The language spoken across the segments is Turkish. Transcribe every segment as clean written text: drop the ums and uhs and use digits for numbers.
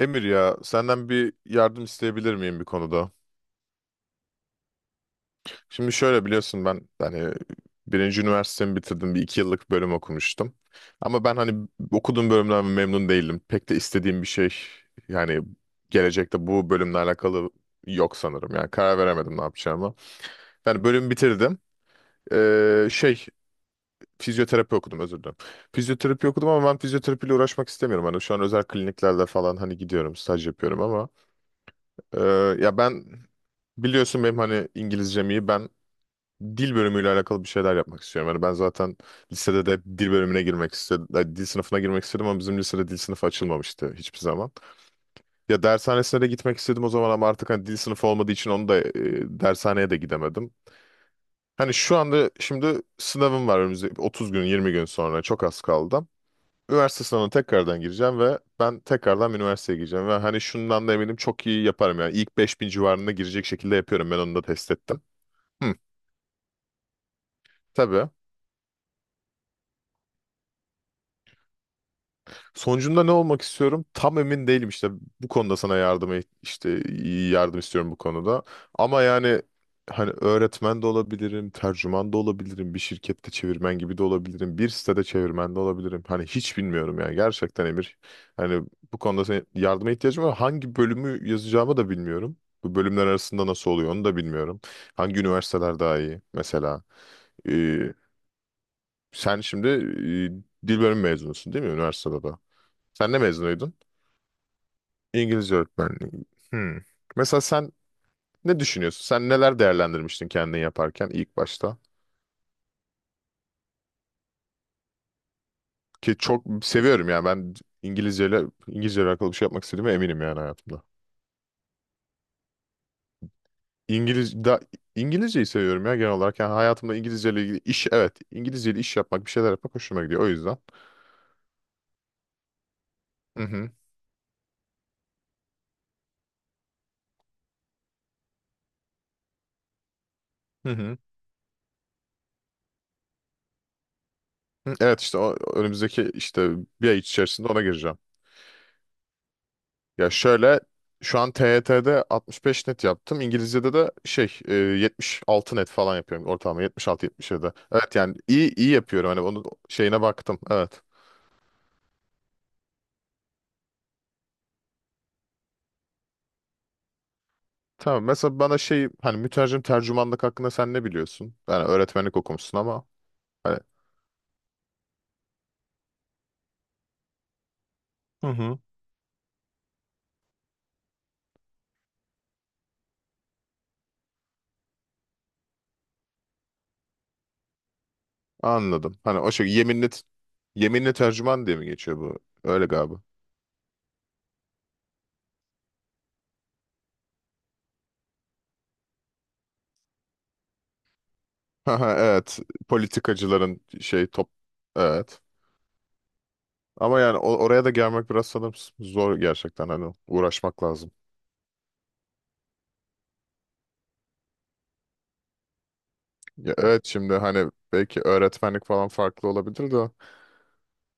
Emir ya senden bir yardım isteyebilir miyim bir konuda? Şimdi şöyle biliyorsun, ben hani birinci üniversitemi bitirdim, bir iki yıllık bölüm okumuştum. Ama ben hani okuduğum bölümden memnun değildim. Pek de istediğim bir şey, yani gelecekte bu bölümle alakalı yok sanırım. Yani karar veremedim ne yapacağımı. Yani bölüm bitirdim. Ee, şey Fizyoterapi okudum, özür dilerim. Fizyoterapi okudum ama ben fizyoterapiyle uğraşmak istemiyorum. Hani şu an özel kliniklerde falan hani gidiyorum, staj yapıyorum ama. Ee, Ya ben, biliyorsun benim hani İngilizcem iyi. Ben dil bölümüyle alakalı bir şeyler yapmak istiyorum. Yani ben zaten lisede de hep dil bölümüne girmek istedim. Yani dil sınıfına girmek istedim ama bizim lisede dil sınıfı açılmamıştı hiçbir zaman. Ya dershanesine de gitmek istedim o zaman ama artık hani dil sınıfı olmadığı için onu da dershaneye de gidemedim. Hani şu anda şimdi sınavım var, önümüzde 30 gün, 20 gün sonra, çok az kaldı. Üniversite sınavına tekrardan gireceğim ve ben tekrardan bir üniversiteye gireceğim. Ve hani şundan da eminim, çok iyi yaparım yani. İlk 5000 civarında girecek şekilde yapıyorum. Ben onu da test ettim. Hı, tabii. Sonucunda ne olmak istiyorum? Tam emin değilim işte, bu konuda sana yardım işte iyi yardım istiyorum bu konuda. Ama yani hani öğretmen de olabilirim, tercüman da olabilirim, bir şirkette çevirmen gibi de olabilirim, bir sitede çevirmen de olabilirim. Hani hiç bilmiyorum yani, gerçekten Emir. Hani bu konuda senin yardıma ihtiyacım var. Hangi bölümü yazacağımı da bilmiyorum. Bu bölümler arasında nasıl oluyor, onu da bilmiyorum. Hangi üniversiteler daha iyi mesela? Ee, Sen şimdi, dil bölümü mezunusun değil mi, üniversitede de? Sen ne mezunuydun? İngilizce öğretmenliği. Hmm. Mesela sen ne düşünüyorsun? Sen neler değerlendirmiştin kendini yaparken ilk başta? Ki çok seviyorum yani, ben İngilizce ile İngilizce ile alakalı bir şey yapmak istediğime eminim yani, hayatımda. İngiliz da İngilizceyi seviyorum ya, genel olarak. Yani hayatımda İngilizce ile ilgili iş, evet, İngilizce ile iş yapmak, bir şeyler yapmak hoşuma gidiyor, o yüzden. Hı hı. Hı hı. Hı, evet, işte o önümüzdeki işte bir ay içerisinde ona gireceğim. Ya şöyle, şu an TYT'de 65 net yaptım. İngilizce'de de 76 net falan yapıyorum, ortalama 76-77. Evet yani iyi iyi yapıyorum, hani onun şeyine baktım. Evet. Tamam, mesela bana şey, hani mütercim tercümanlık hakkında sen ne biliyorsun? Yani öğretmenlik okumuşsun ama hani. Hı hı. Anladım. Hani o şey, yeminli tercüman diye mi geçiyor bu? Öyle galiba. Haha, evet, politikacıların şey top, evet. Ama yani oraya da gelmek biraz sanırım zor, gerçekten hani uğraşmak lazım. Ya evet, şimdi hani belki öğretmenlik falan farklı olabilir de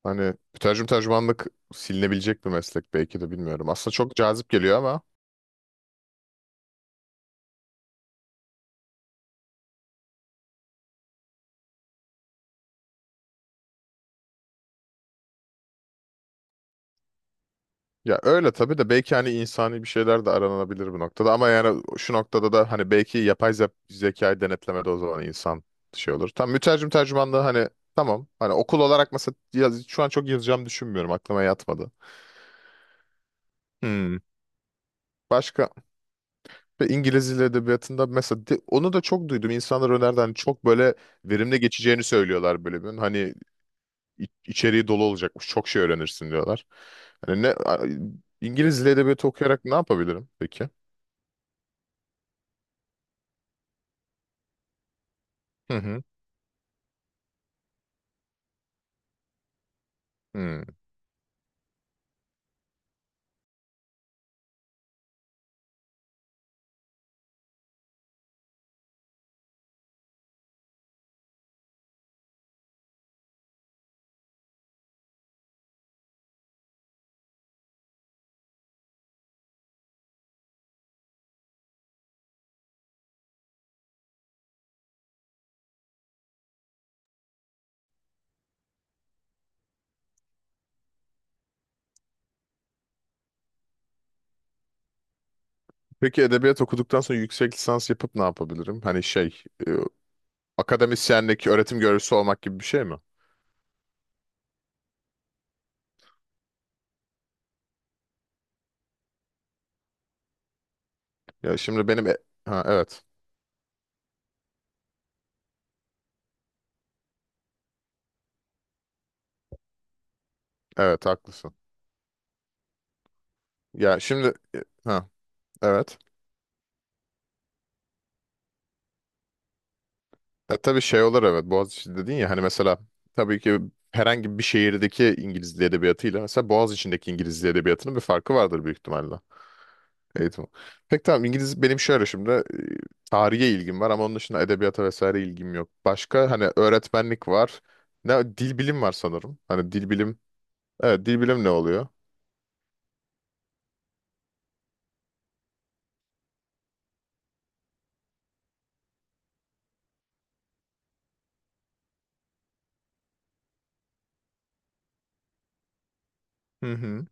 hani mütercim tercümanlık silinebilecek bir meslek belki, de bilmiyorum. Aslında çok cazip geliyor ama ya, öyle tabii de belki hani insani bir şeyler de aranabilir bu noktada ama yani şu noktada da hani belki yapay zekayı denetlemede, o zaman insan şey olur. Tam mütercim tercümanlığı hani, tamam hani okul olarak mesela şu an çok yazacağım düşünmüyorum, aklıma yatmadı. Hmm. Başka. Ve İngiliz Dil Edebiyatı'nda mesela, onu da çok duydum. İnsanlar önerdi hani, çok böyle verimli geçeceğini söylüyorlar bölümün. Hani içeriği dolu olacakmış. Çok şey öğrenirsin diyorlar. Hani İngiliz Dil Edebiyatı okuyarak ne yapabilirim peki? Hı hı. Hmm. Peki edebiyat okuduktan sonra yüksek lisans yapıp ne yapabilirim? Hani akademisyenlik, öğretim görevlisi olmak gibi bir şey mi? Ya şimdi benim e- ha, evet. Evet haklısın. Ya şimdi, ha, evet. Ya tabii şey olur, evet, Boğaziçi dedin ya hani mesela, tabii ki herhangi bir şehirdeki İngiliz Dil Edebiyatı'yla mesela Boğaziçi'ndeki İngiliz Dil Edebiyatı'nın bir farkı vardır büyük ihtimalle. Eğitim. Peki tamam, İngiliz, benim şöyle şimdi, tarihe ilgim var ama onun dışında edebiyata vesaire ilgim yok. Başka hani öğretmenlik var. Ne dil bilim var sanırım. Hani dil bilim, evet, dil bilim ne oluyor? Hı hı.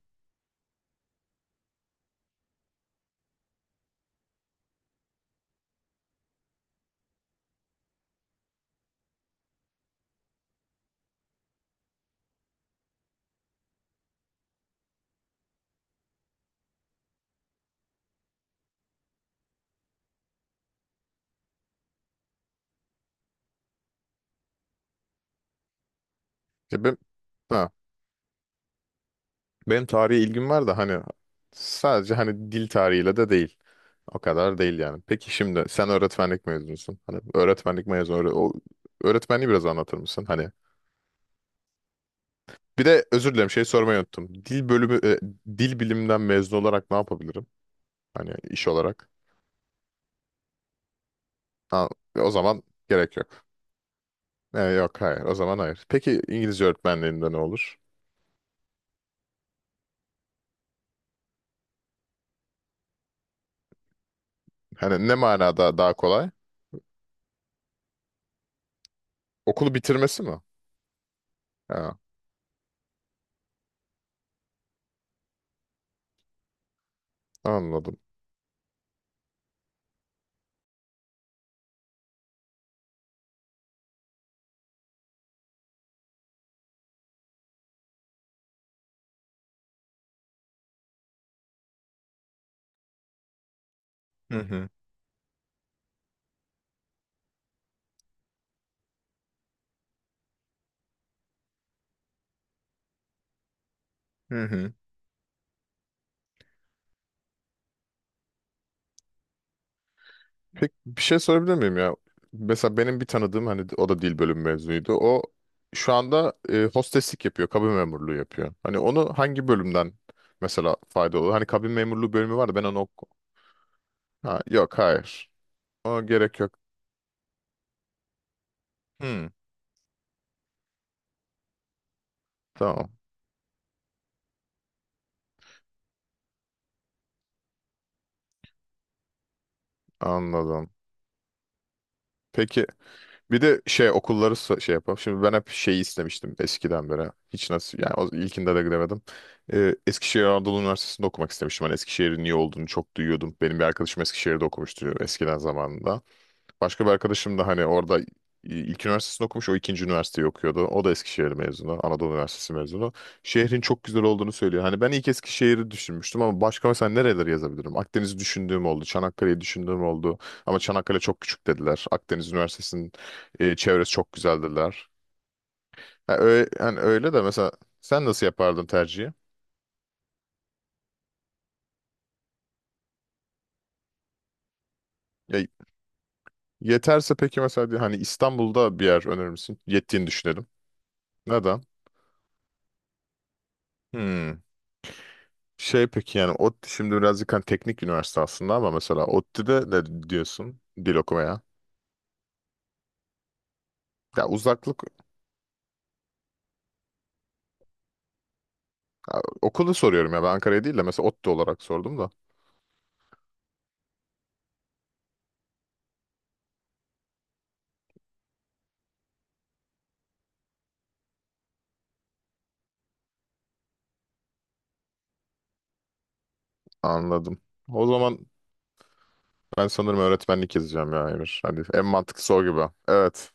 Ya ben, ha, benim tarihe ilgim var da hani, sadece hani dil tarihiyle de değil. O kadar değil yani. Peki şimdi sen öğretmenlik mezunusun. Hani öğretmenlik mezunu, o öğretmenliği biraz anlatır mısın? Hani bir de özür dilerim, şey sormayı unuttum. Dil bilimden mezun olarak ne yapabilirim? Hani iş olarak. Ha, o zaman gerek yok. Yok, hayır. O zaman hayır. Peki İngilizce öğretmenliğinde ne olur? Hani ne manada daha kolay? Okulu bitirmesi mi? Ha, anladım. Hı hı. Hı hı. Peki bir şey sorabilir miyim ya? Mesela benim bir tanıdığım hani, o da dil bölümü mezunuydu. O şu anda, hosteslik yapıyor, kabin memurluğu yapıyor. Hani onu hangi bölümden mesela fayda olur? Hani kabin memurluğu bölümü var da ben onu oku. Ha, yok hayır. Ona gerek yok. Hmm, tamam, anladım. Peki bir de şey, okulları yapalım. Şimdi ben hep şeyi istemiştim eskiden beri. Hiç nasıl yani, o ilkinde de gidemedim. Eskişehir Anadolu Üniversitesi'nde okumak istemiştim. Hani Eskişehir'in iyi olduğunu çok duyuyordum. Benim bir arkadaşım Eskişehir'de okumuştu eskiden zamanında. Başka bir arkadaşım da hani orada ilk üniversitesini okumuş, o ikinci üniversiteyi okuyordu. O da Eskişehir mezunu, Anadolu Üniversitesi mezunu. Şehrin çok güzel olduğunu söylüyor. Hani ben ilk Eskişehir'i düşünmüştüm ama başka mesela nereleri yazabilirim? Akdeniz'i düşündüğüm oldu, Çanakkale'yi düşündüğüm oldu. Ama Çanakkale çok küçük dediler. Akdeniz Üniversitesi'nin, çevresi çok güzel dediler. Ha, hani öyle de mesela sen nasıl yapardın tercihi? Ya, yeterse peki mesela hani İstanbul'da bir yer önerir misin? Yettiğini düşünelim. Neden? Hmm. Şey, peki yani ODTÜ şimdi birazcık hani teknik üniversite aslında ama mesela ODTÜ'de de diyorsun dil okumaya. Ya uzaklık, ya okulu soruyorum ya, ben Ankara'ya değil de mesela ODTÜ olarak sordum da. Anladım. O zaman ben sanırım öğretmenlik yazacağım ya Emir. Hadi en mantıklısı o gibi. Evet.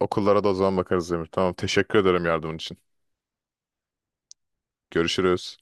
Okullara da o zaman bakarız Emir. Tamam, teşekkür ederim yardımın için. Görüşürüz.